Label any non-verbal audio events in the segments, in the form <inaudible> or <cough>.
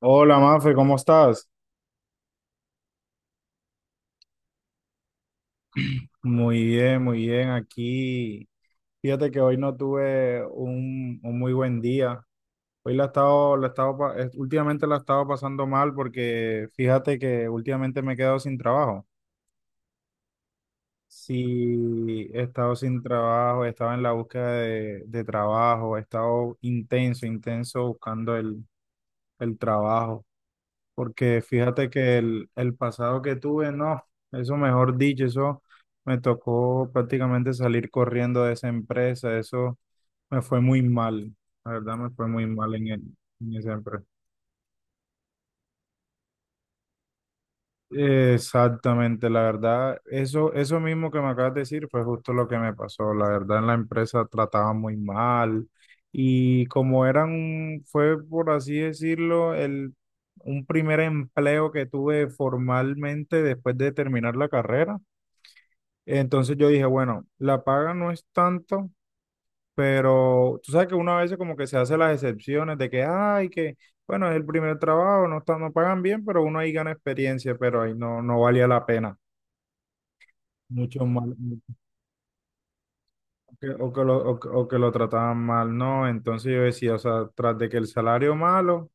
Hola, Mafe, ¿cómo estás? Muy bien, muy bien. Aquí, fíjate que hoy no tuve un muy buen día. Hoy la he estado, últimamente la he estado pasando mal porque fíjate que últimamente me he quedado sin trabajo. Sí, he estado sin trabajo, he estado en la búsqueda de trabajo, he estado intenso buscando el trabajo. Porque fíjate que el pasado que tuve, no, eso mejor dicho, eso me tocó prácticamente salir corriendo de esa empresa, eso me fue muy mal, la verdad me fue muy mal en, en esa empresa. Exactamente, la verdad, eso mismo que me acabas de decir fue justo lo que me pasó. La verdad, en la empresa trataban muy mal y como eran, fue por así decirlo, el, un primer empleo que tuve formalmente después de terminar la carrera. Entonces yo dije, bueno, la paga no es tanto, pero tú sabes que una vez como que se hace las excepciones de que, ay, que... Bueno, es el primer trabajo, no está, no pagan bien, pero uno ahí gana experiencia, pero ahí no, no valía la pena mucho mal, o que, o que lo trataban mal, no, entonces yo decía, o sea, tras de que el salario malo,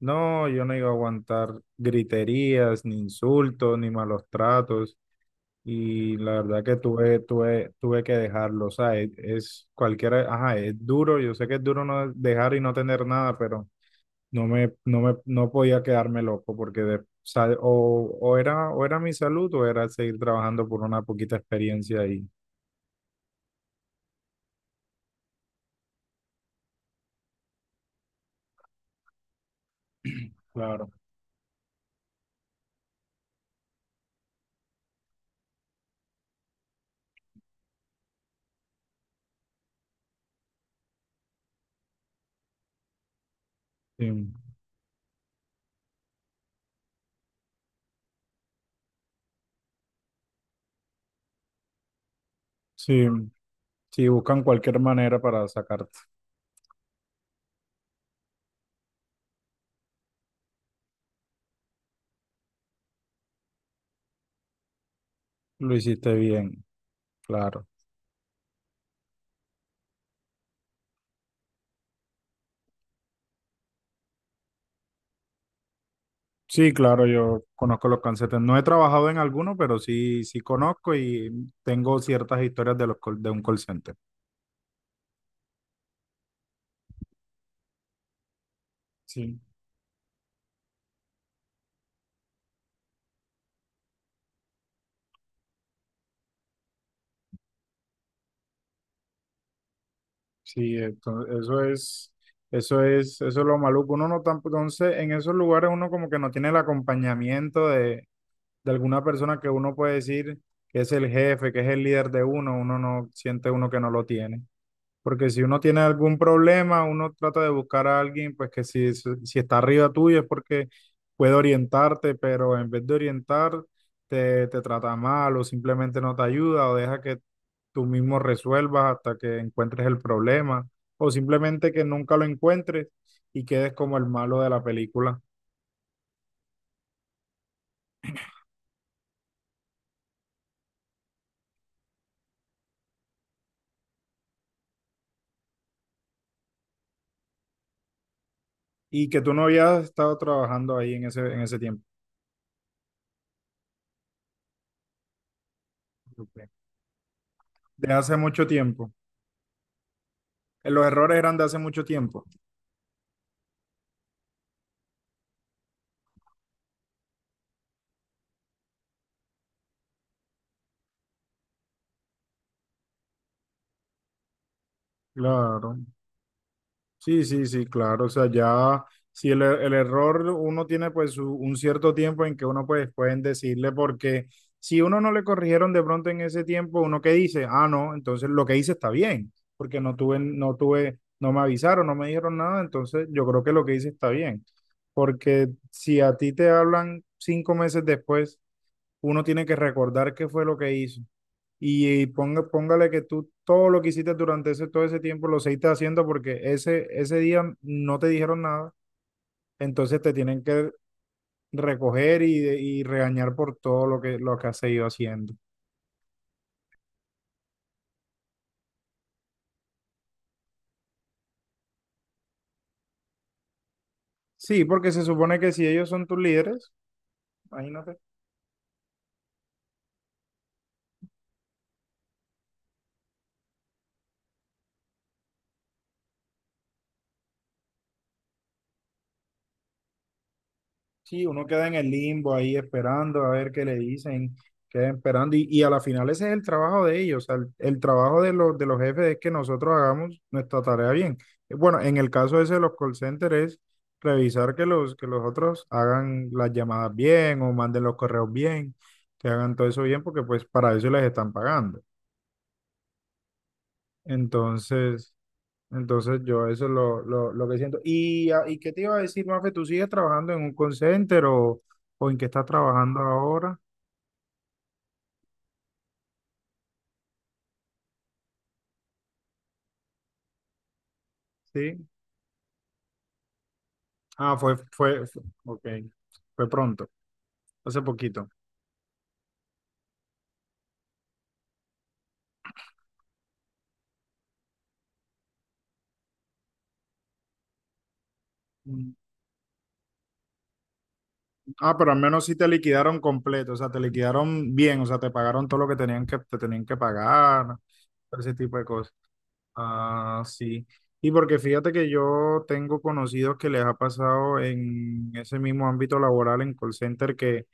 no, yo no iba a aguantar griterías, ni insultos, ni malos tratos, y la verdad que tuve que dejarlo, o sea, es cualquiera, ajá, es duro, yo sé que es duro no dejar y no tener nada, pero no podía quedarme loco, porque de, o, o era mi salud, o era seguir trabajando por una poquita experiencia ahí. <clears throat> Claro. Sí, sí, sí, buscan cualquier manera para sacarte. Lo hiciste bien, claro. Sí, claro, yo conozco los calcetines. No he trabajado en alguno, pero sí, sí conozco y tengo ciertas historias de los de un call center. Sí, sí, entonces, eso es lo maluco. Uno no tan, entonces en esos lugares uno como que no tiene el acompañamiento de alguna persona que uno puede decir que es el jefe, que es el líder de uno, uno no siente uno que no lo tiene. Porque si uno tiene algún problema, uno trata de buscar a alguien, pues que si, si está arriba tuyo es porque puede orientarte, pero en vez de orientar, te trata mal o simplemente no te ayuda o deja que tú mismo resuelvas hasta que encuentres el problema o simplemente que nunca lo encuentres y quedes como el malo de la película y que tú no habías estado trabajando ahí en ese tiempo, ¿ok? De hace mucho tiempo. Los errores eran de hace mucho tiempo. Claro. Sí, sí, sí, claro. O sea, ya si el error uno tiene pues un cierto tiempo en que uno pues pueden decirle porque si uno no le corrigieron de pronto en ese tiempo, uno que dice, ah, no, entonces lo que hice está bien, porque no tuve, no me avisaron, no me dijeron nada, entonces yo creo que lo que hice está bien. Porque si a ti te hablan cinco meses después, uno tiene que recordar qué fue lo que hizo y, ponga, póngale que tú todo lo que hiciste durante ese, todo ese tiempo lo seguiste haciendo porque ese día no te dijeron nada, entonces te tienen que recoger y regañar por todo lo lo que has seguido haciendo. Sí, porque se supone que si ellos son tus líderes, imagínate. Sí, uno queda en el limbo ahí esperando a ver qué le dicen, queda esperando y a la final ese es el trabajo de ellos, o sea, el trabajo de los jefes es que nosotros hagamos nuestra tarea bien. Bueno, en el caso ese de los call centers es revisar que los otros hagan las llamadas bien o manden los correos bien, que hagan todo eso bien porque pues para eso les están pagando. Entonces... Entonces yo eso es lo que siento. ¿Y, y qué te iba a decir, Mafe? ¿Tú sigues trabajando en un call center o en qué estás trabajando ahora? Sí. Ah, fue, ok. Fue pronto, hace poquito. Mm. Ah, pero al menos sí te liquidaron completo, o sea, te liquidaron bien, o sea, te pagaron todo lo que tenían que, te tenían que pagar, todo ese tipo de cosas. Ah, sí. Y porque fíjate que yo tengo conocidos que les ha pasado en ese mismo ámbito laboral en call center que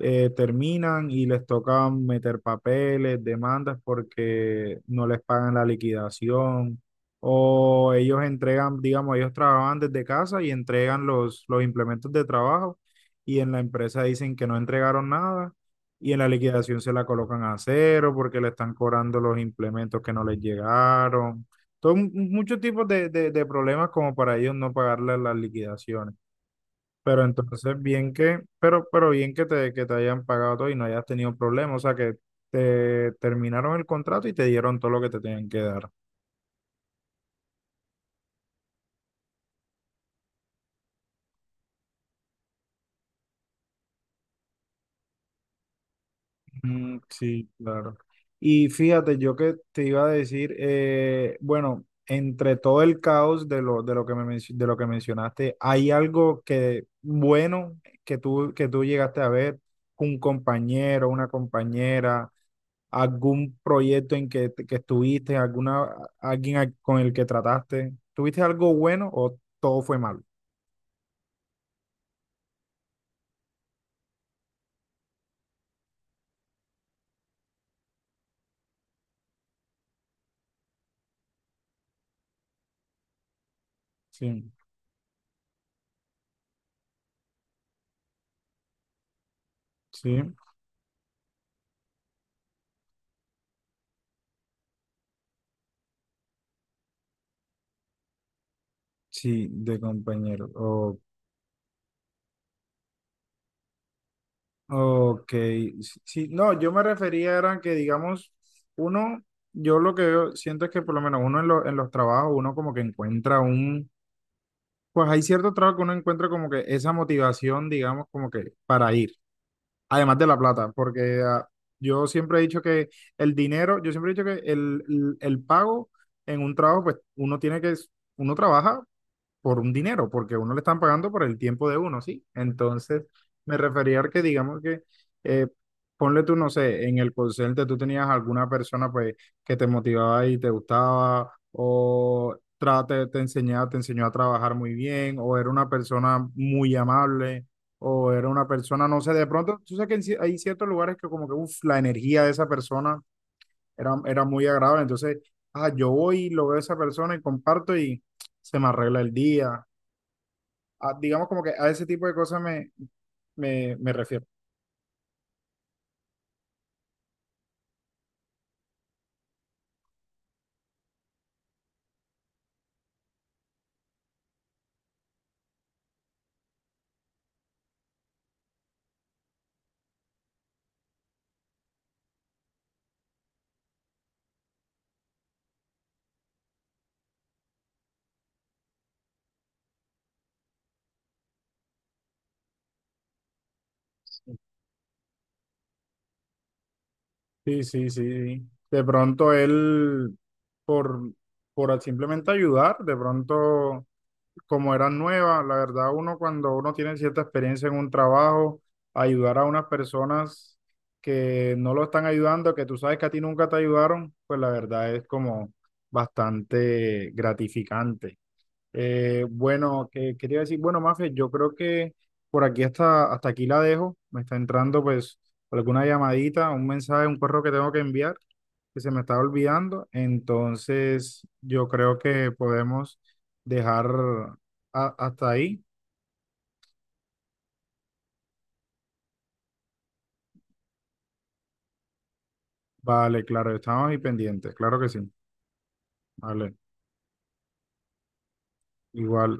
terminan y les toca meter papeles, demandas porque no les pagan la liquidación o ellos entregan, digamos, ellos trabajaban desde casa y entregan los implementos de trabajo y en la empresa dicen que no entregaron nada y en la liquidación se la colocan a cero porque le están cobrando los implementos que no les llegaron. Todo, muchos tipos de, de problemas como para ellos no pagarle las liquidaciones. Pero entonces bien que, pero bien que que te hayan pagado todo y no hayas tenido problemas, o sea que te terminaron el contrato y te dieron todo lo que te tenían que dar. Mm, sí, claro. Y fíjate, yo que te iba a decir, bueno, entre todo el caos de lo que me, de lo que mencionaste, ¿hay algo que bueno que tú llegaste a ver? Un compañero, una compañera algún proyecto en que estuviste, alguna, alguien con el que trataste. ¿Tuviste algo bueno o todo fue malo? Sí, sí, sí, de compañero. O- ok, sí, sí, no, yo me refería era que, digamos, uno, yo lo siento es que por lo menos uno en, en los trabajos, uno como que encuentra un, pues hay cierto trabajo que uno encuentra como que esa motivación, digamos, como que para ir. Además de la plata, porque ah, yo siempre he dicho que el dinero, yo siempre he dicho que el pago en un trabajo, pues uno tiene que, uno trabaja por un dinero, porque a uno le están pagando por el tiempo de uno, ¿sí? Entonces, me refería a que digamos que, eh, ponle tú, no sé, en el call center tú tenías alguna persona pues que te motivaba y te gustaba, o trate, te enseñaba, te enseñó a trabajar muy bien, o era una persona muy amable, o era una persona, no sé, de pronto, tú sabes que en hay ciertos lugares que como que, uff, la energía de esa persona era muy agradable, entonces, ah, yo voy, y lo veo a esa persona y comparto y se me arregla el día, digamos como que a ese tipo de cosas me refiero. Sí, sí, sí. De pronto él, por, por simplemente ayudar, de pronto, como eran nuevas, la verdad, uno cuando uno tiene cierta experiencia en un trabajo, ayudar a unas personas que no lo están ayudando, que tú sabes que a ti nunca te ayudaron, pues la verdad es como bastante gratificante. Bueno, que quería decir, bueno, Mafe, yo creo que por aquí hasta, hasta aquí la dejo. Me está entrando pues alguna llamadita, un mensaje, un correo que tengo que enviar, que se me estaba olvidando. Entonces, yo creo que podemos dejar hasta ahí. Vale, claro, estamos ahí pendientes, claro que sí. Vale, igual.